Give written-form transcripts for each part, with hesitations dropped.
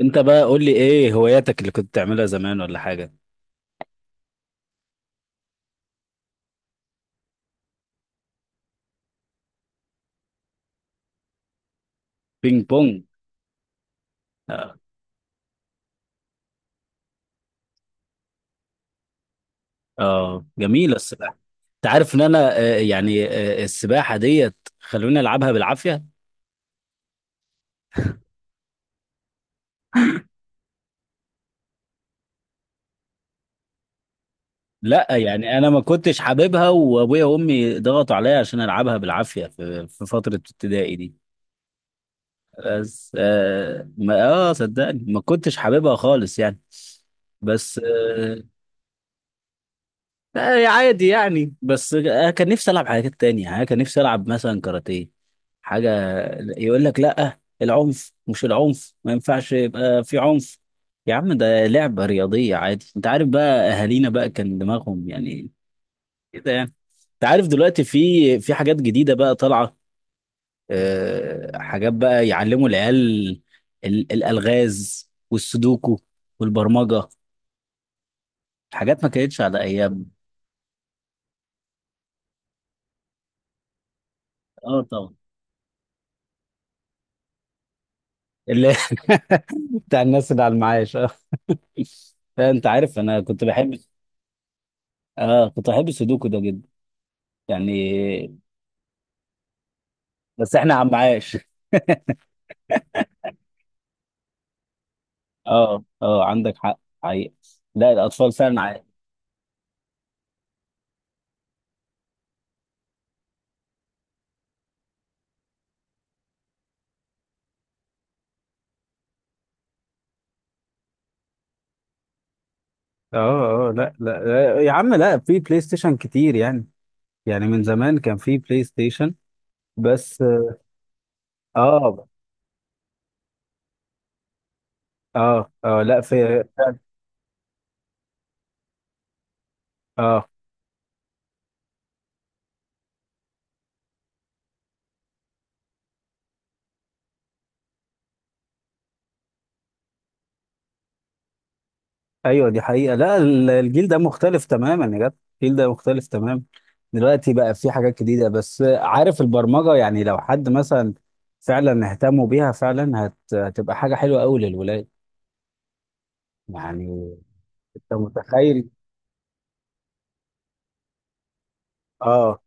انت بقى قول لي ايه هواياتك اللي كنت تعملها زمان ولا حاجه؟ بينج بونج. اه. جميله السباحه. انت عارف ان انا، السباحه ديت خلوني العبها بالعافيه. لا يعني انا ما كنتش حاببها، وابويا وامي ضغطوا عليا عشان العبها بالعافيه في فتره ابتدائي دي. بس اه صدقني ما كنتش حاببها خالص يعني. بس عادي يعني. بس كان نفسي العب حاجات تانية، يعني كان نفسي العب مثلا كاراتيه، حاجه يقول لك لا العنف، مش العنف ما ينفعش يبقى في عنف. يا عم ده لعبه رياضيه عادي. انت عارف بقى اهالينا بقى كان دماغهم يعني كده يعني. انت عارف دلوقتي في، في حاجات جديده بقى طالعه. أه حاجات بقى يعلموا العيال، الالغاز والسودوكو والبرمجه. حاجات ما كانتش على ايام. اه طبعا. اللي بتاع الناس اللي على المعاش آه. لا انت عارف انا كنت بحب، اه كنت بحب السودوكو ده جدا يعني. بس احنا عمعاش. اه اه عندك حق حقيقة. لا الاطفال فعلا اه اه لا لا لا، يا عم لا، في بلاي ستيشن كتير يعني، يعني من زمان كان في بلاي ستيشن. بس اه اه اه لا في اه ايوه دي حقيقة. لا الجيل ده مختلف تماما يا جدع. الجيل ده مختلف تماما. دلوقتي بقى في حاجات جديدة. بس عارف البرمجة، يعني لو حد مثلا فعلا اهتموا بيها فعلا هتبقى حاجة حلوة قوي للولاد يعني. انت متخيل. اه.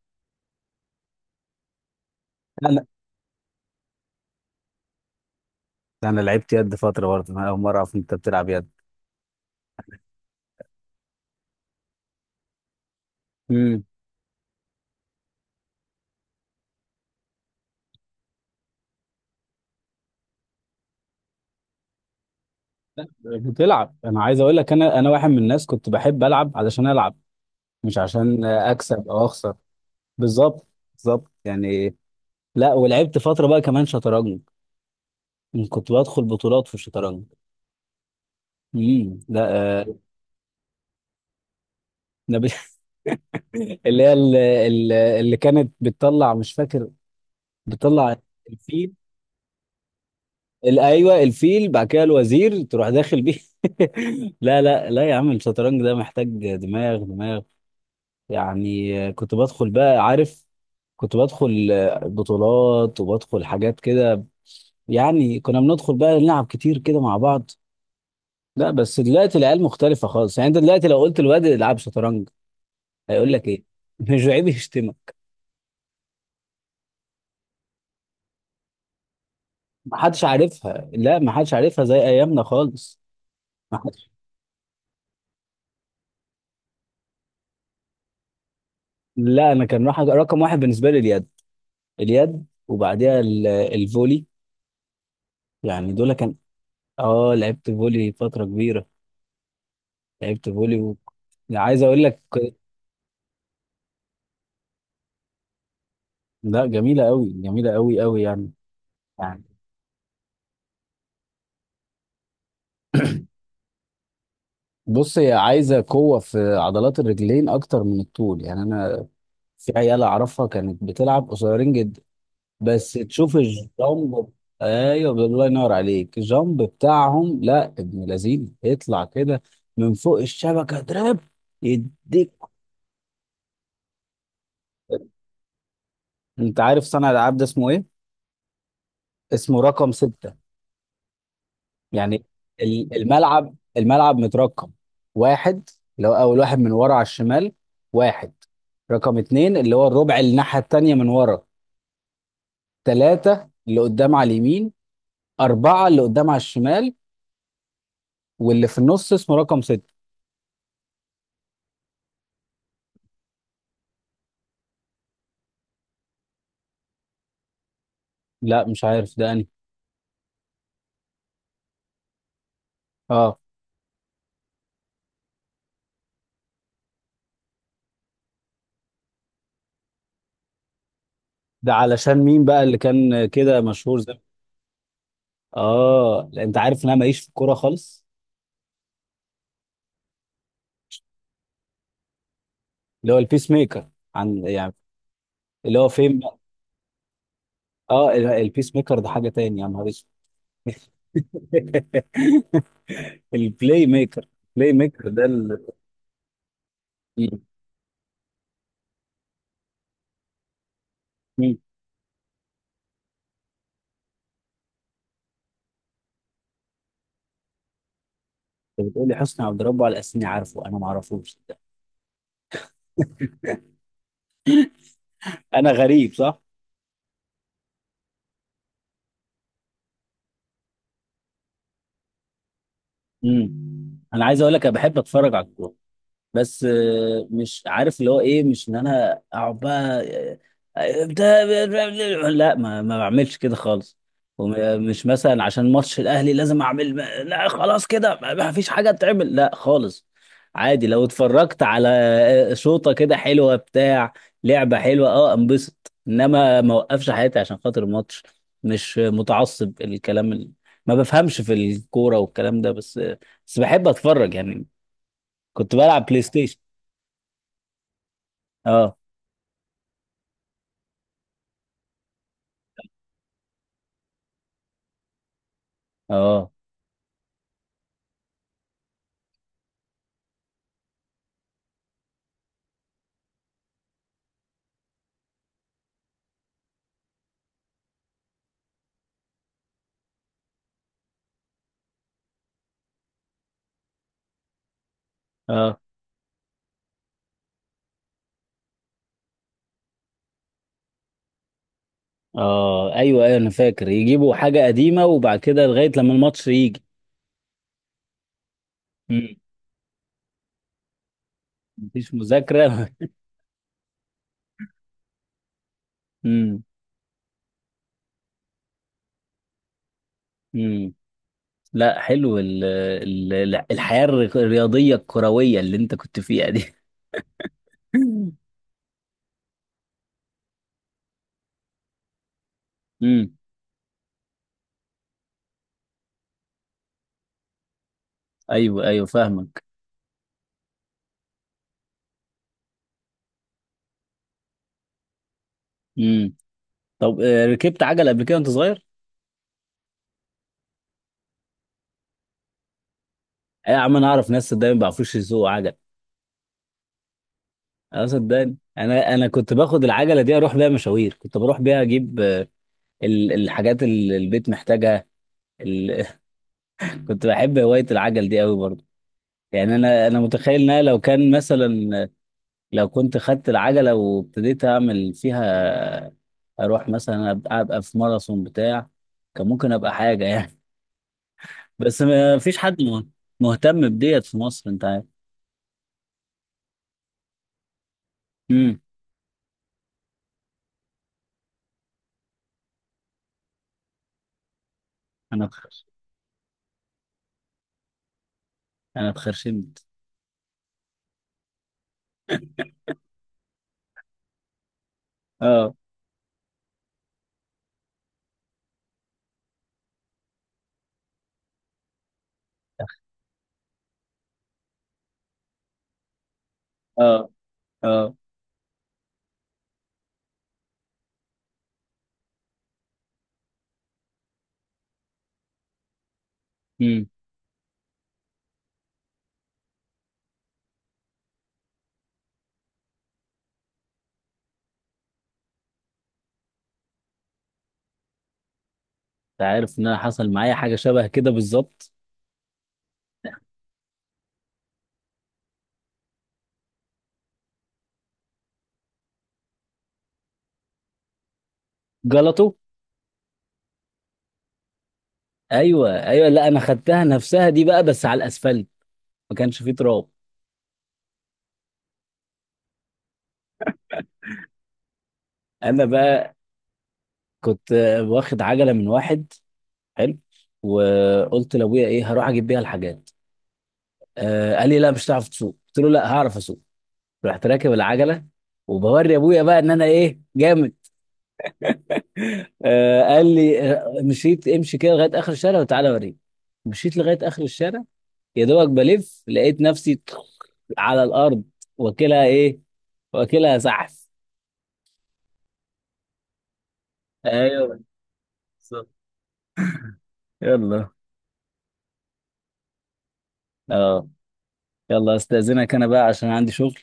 انا انا لعبت يد فترة برضه. انا اول مرة اعرف إن انت بتلعب يد. امم. بتلعب. انا عايز اقول لك انا واحد من الناس كنت بحب العب علشان العب، مش عشان اكسب او اخسر. بالظبط. بالظبط يعني. لا ولعبت فترة بقى كمان شطرنج. مم، كنت بدخل بطولات في الشطرنج. امم. لا آه أنا اللي هي اللي كانت بتطلع، مش فاكر بتطلع. الفيل، ايوه الفيل بعد كده الوزير تروح داخل بيه. لا لا لا، يا عم الشطرنج ده محتاج دماغ دماغ يعني. كنت بدخل بقى، عارف. كنت بدخل بطولات وبدخل حاجات كده يعني. كنا بندخل بقى نلعب كتير كده مع بعض. لا بس دلوقتي العيال مختلفة خالص يعني. انت دلوقتي لو قلت الواد العب شطرنج، هيقول لك ايه مش عيب يشتمك. محدش عارفها. لا، محدش عارفها زي ايامنا خالص. محدش. لا انا كان راح رقم واحد بالنسبه لي اليد، اليد وبعديها الفولي. يعني دول كان. اه لعبت فولي فتره كبيره. لعبت فولي يعني عايز اقول لك. لا جميله قوي جميله قوي قوي يعني، يعني. بص هي عايزه قوه في عضلات الرجلين اكتر من الطول يعني. انا في عيال اعرفها كانت بتلعب قصيرين جدا. بس تشوف الجامب. ايوه الله ينور عليك. الجامب بتاعهم لا، ابن لذين يطلع كده من فوق الشبكه دراب يديك. انت عارف صنع الالعاب ده اسمه ايه؟ اسمه رقم ستة يعني. الملعب، الملعب مترقم. واحد، اللي هو اول واحد من ورا على الشمال. واحد. رقم اتنين اللي هو الربع، اللي الناحيه التانيه من ورا. ثلاثه اللي قدام على اليمين. اربعه اللي قدام على الشمال. واللي في النص اسمه رقم ستة. لا مش عارف ده. اه ده علشان مين بقى اللي كان كده مشهور زي؟ اه لا، انت عارف ان انا ماليش في الكوره خالص. اللي هو البيس ميكر، عن يعني، اللي هو فين بقى؟ اه، البيس ميكر ده حاجه تاني يا نهار اسود. البلاي ميكر. البلاي ميكر ده مم. مم. انت بتقول لي حسني عبد ربه على اساس اني عارفه؟ انا ما اعرفوش. انا غريب، صح؟ مم. انا عايز اقول لك انا بحب اتفرج على الكوره. بس مش عارف اللي هو ايه، مش ان انا اقعد بقى آه، بتاع- لا ما بعملش كده خالص. ومش مثلا عشان ماتش الاهلي لازم اعمل. لا خلاص كده ما فيش حاجه تعمل، لا خالص. عادي لو اتفرجت على شوطه كده حلوه بتاع، لعبه حلوه، اه، انبسط. انما ما اوقفش حياتي عشان خاطر الماتش. مش متعصب. الكلام ما بفهمش في الكوره والكلام ده، بس بس بحب اتفرج يعني. كنت بلعب بلاي ستيشن. اه. اه. اه. اه ايوه ايوه انا فاكر يجيبوا حاجه قديمه، وبعد كده لغايه لما الماتش يجي. مم. مفيش مذاكره. امم. امم. لا حلو الحياه الرياضيه الكرويه اللي انت كنت فيها دي. امم. ايوه ايوه فاهمك. امم. طب ركبت عجل قبل كده وانت صغير؟ يا عم انا اعرف ناس صدقني ما بيعرفوش يسوقوا عجل. اه صدقني انا كنت باخد العجله دي اروح بيها مشاوير. كنت بروح بيها اجيب الحاجات اللي البيت محتاجها، ال... كنت بحب هواية العجل دي قوي برضه، يعني. انا متخيل ان انا لو كان مثلا، لو كنت خدت العجلة وابتديت اعمل فيها، اروح مثلا أبقى في ماراثون بتاع، كان ممكن ابقى حاجة يعني. بس ما فيش حد مهتم بديت في مصر. انت عارف. امم. انا اتخ- انا اتخرشمت. اه اه. اه. امم. انت عارف ان انا حصل معايا حاجة شبه كده بالظبط. جلطه. ايوه ايوه لا، انا خدتها نفسها دي بقى بس على الاسفلت. ما كانش فيه تراب. انا بقى كنت واخد عجله من واحد حلو، وقلت لابويا ايه هروح اجيب بيها الحاجات. آه قال لي لا مش هتعرف تسوق. قلت له لا هعرف اسوق. رحت راكب العجله، وبوري ابويا بقى ان انا ايه جامد. آه قال لي مشيت، امشي كده لغايه اخر الشارع وتعالى اوريك. مشيت لغايه اخر الشارع، يا دوبك بلف لقيت نفسي على الارض. واكلها ايه؟ واكلها زحف. ايوه. بالظبط. يلا. اه. يلا استاذنك انا بقى عشان عندي شغل.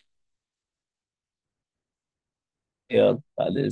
يلا على